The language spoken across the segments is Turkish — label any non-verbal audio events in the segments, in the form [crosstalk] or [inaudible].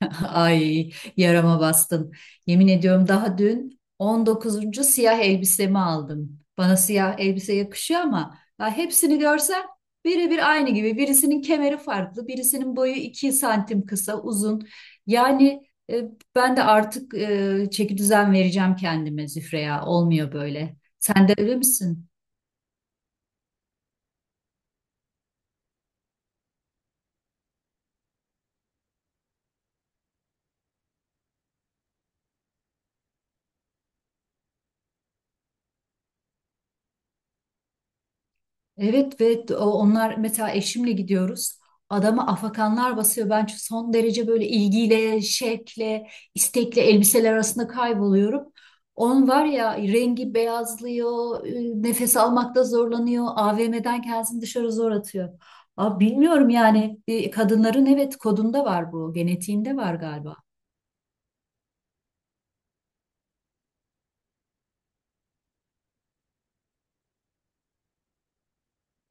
[laughs] Ay yarama bastın. Yemin ediyorum daha dün 19. siyah elbisemi aldım. Bana siyah elbise yakışıyor ama ya hepsini görsem birebir aynı gibi. Birisinin kemeri farklı, birisinin boyu 2 santim kısa, uzun. Yani e, ben de artık çeki düzen vereceğim kendime Zühreya. Olmuyor böyle. Sen de öyle misin? Evet ve onlar mesela eşimle gidiyoruz. Adama afakanlar basıyor. Ben son derece böyle ilgiyle, şevkle, istekle elbiseler arasında kayboluyorum. Onun var ya rengi beyazlıyor, nefes almakta zorlanıyor, AVM'den kendisini dışarı zor atıyor. Abi bilmiyorum yani kadınların evet kodunda var bu, genetiğinde var galiba.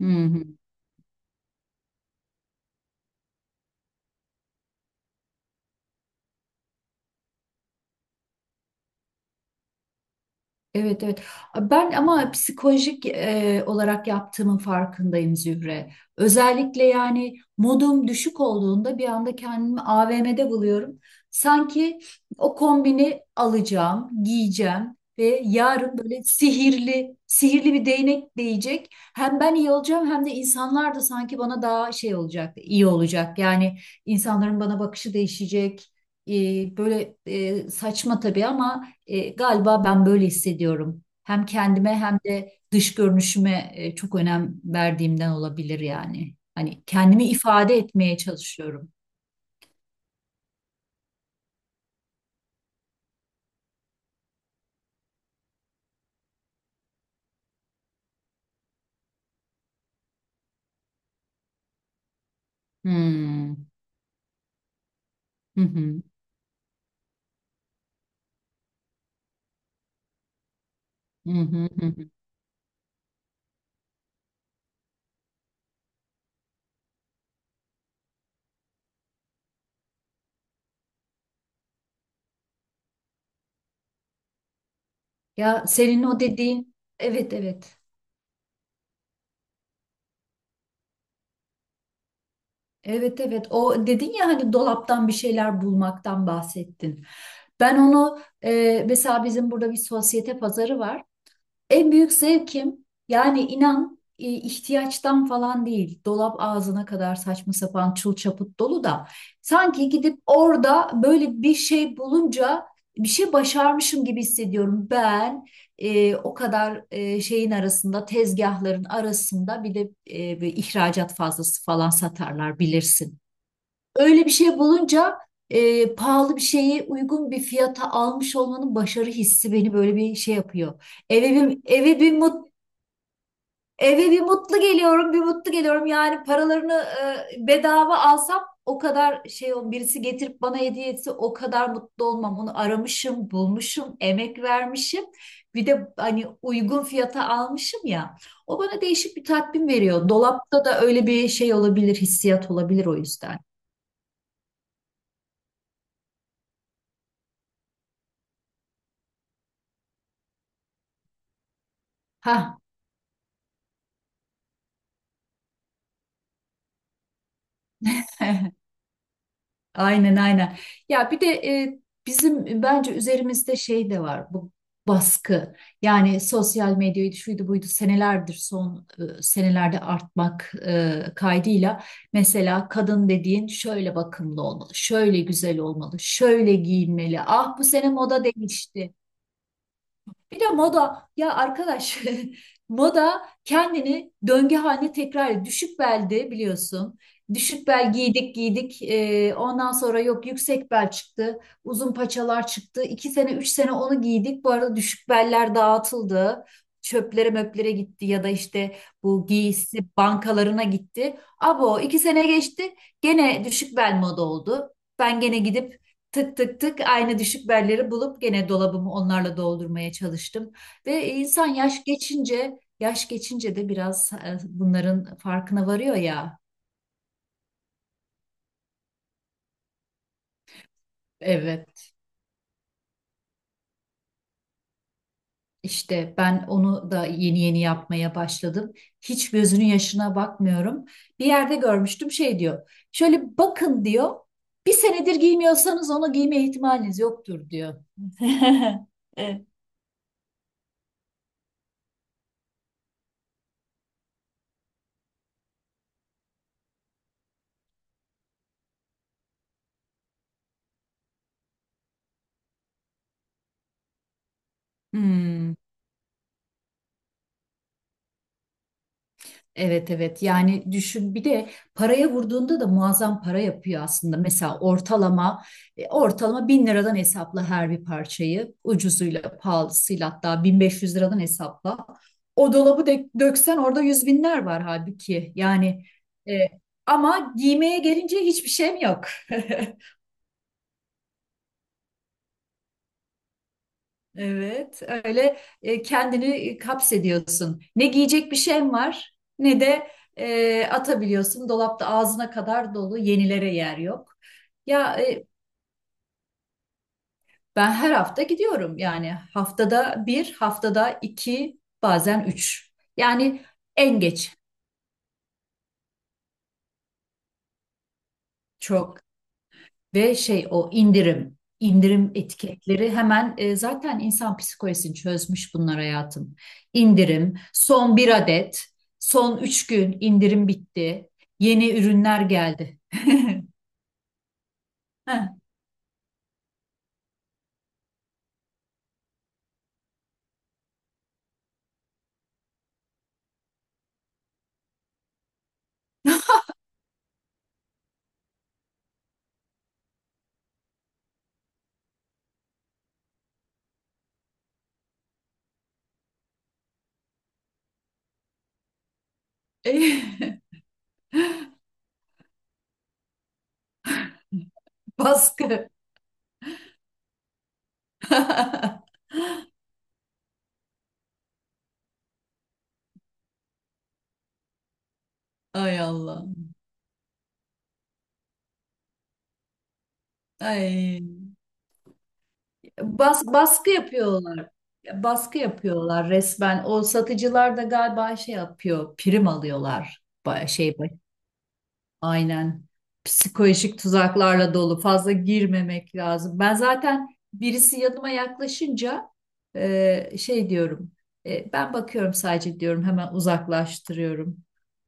Hı hı. Evet, evet. Ben ama psikolojik olarak yaptığımın farkındayım Zühre. Özellikle yani modum düşük olduğunda bir anda kendimi AVM'de buluyorum. Sanki o kombini alacağım, giyeceğim ve yarın böyle sihirli, sihirli bir değnek değecek. Hem ben iyi olacağım hem de insanlar da sanki bana daha şey olacak, iyi olacak. Yani insanların bana bakışı değişecek. E, böyle saçma tabii ama galiba ben böyle hissediyorum. Hem kendime hem de dış görünüşüme çok önem verdiğimden olabilir yani. Hani kendimi ifade etmeye çalışıyorum. Hmm. Hı hı. Hı hı hı. Hı. Ya senin o dediğin, evet, evet. Evet, evet. O dedin ya hani dolaptan bir şeyler bulmaktan bahsettin. Ben onu mesela bizim burada bir sosyete pazarı var. En büyük zevkim yani inan ihtiyaçtan falan değil. Dolap ağzına kadar saçma sapan çul çaput dolu da sanki gidip orada böyle bir şey bulunca bir şey başarmışım gibi hissediyorum. Ben o kadar şeyin arasında tezgahların arasında bir de bir ihracat fazlası falan satarlar bilirsin. Öyle bir şey bulunca pahalı bir şeyi uygun bir fiyata almış olmanın başarı hissi beni böyle bir şey yapıyor. Eve bir eve bir mut Eve bir mutlu geliyorum, bir mutlu geliyorum. Yani paralarını bedava alsam o kadar şey o birisi getirip bana hediye etse o kadar mutlu olmam. Onu aramışım, bulmuşum, emek vermişim. Bir de hani uygun fiyata almışım ya. O bana değişik bir tatmin veriyor. Dolapta da öyle bir şey olabilir, hissiyat olabilir o yüzden. Ha. [laughs] Aynen, aynen. Ya bir de bizim bence üzerimizde şey de var bu baskı. Yani sosyal medyaydı şuydu buydu senelerdir son senelerde artmak kaydıyla mesela kadın dediğin şöyle bakımlı olmalı, şöyle güzel olmalı, şöyle giyinmeli. Ah bu sene moda değişti. Bir de moda ya arkadaş [laughs] moda kendini döngü haline tekrar ediyor. Düşük belde biliyorsun. Düşük bel giydik giydik. Ondan sonra yok yüksek bel çıktı. Uzun paçalar çıktı. 2 sene 3 sene onu giydik. Bu arada düşük beller dağıtıldı. Çöplere möplere gitti ya da işte bu giysi bankalarına gitti. Abo iki sene geçti gene düşük bel moda oldu. Ben gene gidip tık tık tık aynı düşük belleri bulup gene dolabımı onlarla doldurmaya çalıştım. Ve insan yaş geçince, yaş geçince de biraz bunların farkına varıyor ya. Evet. işte ben onu da yeni yeni yapmaya başladım. Hiç gözünün yaşına bakmıyorum. Bir yerde görmüştüm şey diyor. Şöyle bakın diyor. Bir senedir giymiyorsanız onu giyme ihtimaliniz yoktur diyor. [laughs] Evet. Hmm. Evet, evet, yani düşün bir de paraya vurduğunda da muazzam para yapıyor aslında. Mesela ortalama 1.000 liradan hesapla her bir parçayı ucuzuyla pahalısıyla hatta 1.500 liradan hesapla. O dolabı döksen orada yüz binler var halbuki yani e, ama giymeye gelince hiçbir şeyim yok. [laughs] Evet, öyle kendini kapsediyorsun. Ne giyecek bir şeyin var, ne de atabiliyorsun. Dolapta ağzına kadar dolu, yenilere yer yok. Ya ben her hafta gidiyorum. Yani haftada bir, haftada iki, bazen üç. Yani en geç çok. Ve şey o indirim, indirim etiketleri hemen zaten insan psikolojisini çözmüş bunlar hayatım. İndirim, son bir adet, son 3 gün indirim bitti, yeni ürünler geldi. [laughs] Heh. [laughs] Baskı. [laughs] Ay Allah. Ay. Baskı yapıyorlar. Baskı yapıyorlar resmen. O satıcılar da galiba şey yapıyor, prim alıyorlar. Şey, aynen. Psikolojik tuzaklarla dolu. Fazla girmemek lazım. Ben zaten birisi yanıma yaklaşınca şey diyorum. Ben bakıyorum sadece diyorum. Hemen uzaklaştırıyorum.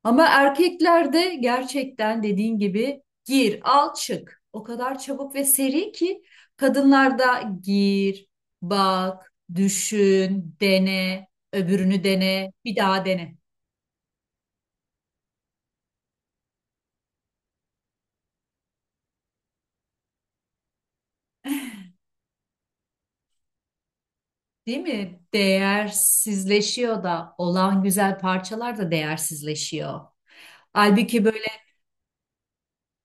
Ama erkeklerde gerçekten dediğin gibi gir, al, çık. O kadar çabuk ve seri ki kadınlarda gir, bak, düşün, dene, öbürünü dene, bir daha dene. Değil mi? Değersizleşiyor da olan güzel parçalar da değersizleşiyor. Halbuki böyle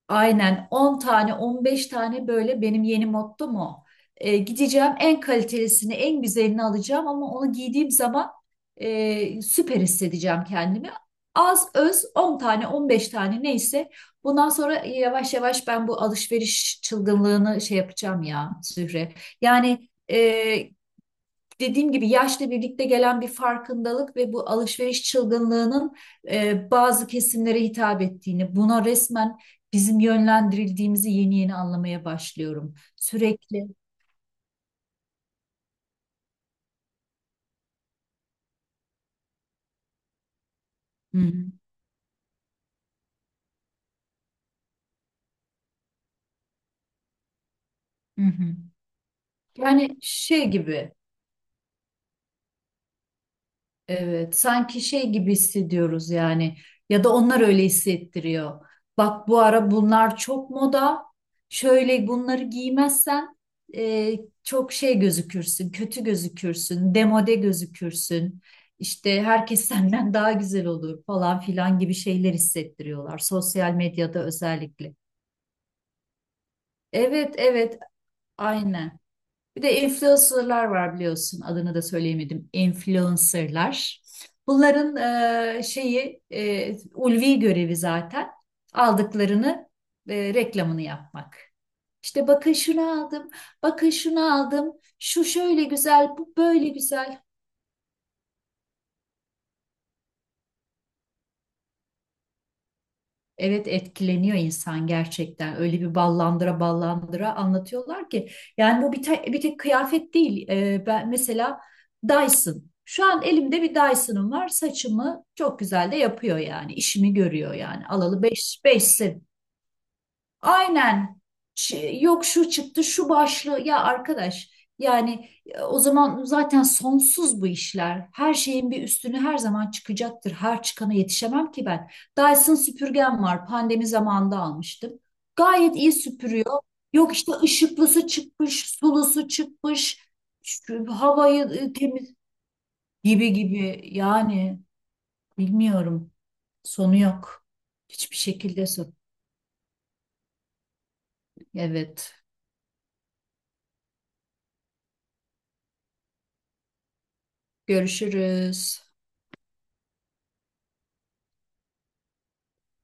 aynen 10 tane 15 tane böyle benim yeni mottom o. Gideceğim en kalitelisini en güzelini alacağım ama onu giydiğim zaman süper hissedeceğim kendimi. Az öz 10 tane 15 tane neyse bundan sonra yavaş yavaş ben bu alışveriş çılgınlığını şey yapacağım ya Zühre. Yani dediğim gibi yaşla birlikte gelen bir farkındalık ve bu alışveriş çılgınlığının bazı kesimlere hitap ettiğini, buna resmen bizim yönlendirildiğimizi yeni yeni anlamaya başlıyorum. Sürekli. Hı hı, hı hı. Yani şey gibi. Evet, sanki şey gibi hissediyoruz yani ya da onlar öyle hissettiriyor. Bak bu ara bunlar çok moda. Şöyle bunları giymezsen e, çok şey gözükürsün, kötü gözükürsün, demode gözükürsün. İşte herkes [laughs] senden daha güzel olur falan filan gibi şeyler hissettiriyorlar sosyal medyada özellikle. Evet, evet, aynen. Bir de influencerlar var biliyorsun. Adını da söyleyemedim. Influencerlar. Bunların şeyi ulvi görevi zaten aldıklarını reklamını yapmak. İşte bakın şunu aldım, bakın şunu aldım, şu şöyle güzel, bu böyle güzel. Evet etkileniyor insan gerçekten. Öyle bir ballandıra ballandıra anlatıyorlar ki. Yani bu bir tek kıyafet değil. Ben mesela Dyson. Şu an elimde bir Dyson'ım var. Saçımı çok güzel de yapıyor yani. İşimi görüyor yani. Alalı 5 beş, beş. Aynen. Yok şu çıktı, şu başlığı. Ya arkadaş, yani o zaman zaten sonsuz bu işler. Her şeyin bir üstünü her zaman çıkacaktır. Her çıkana yetişemem ki ben. Dyson süpürgem var. Pandemi zamanında almıştım. Gayet iyi süpürüyor. Yok işte ışıklısı çıkmış, sulusu çıkmış, şu havayı temiz gibi gibi. Yani bilmiyorum. Sonu yok. Hiçbir şekilde son. Evet. Görüşürüz.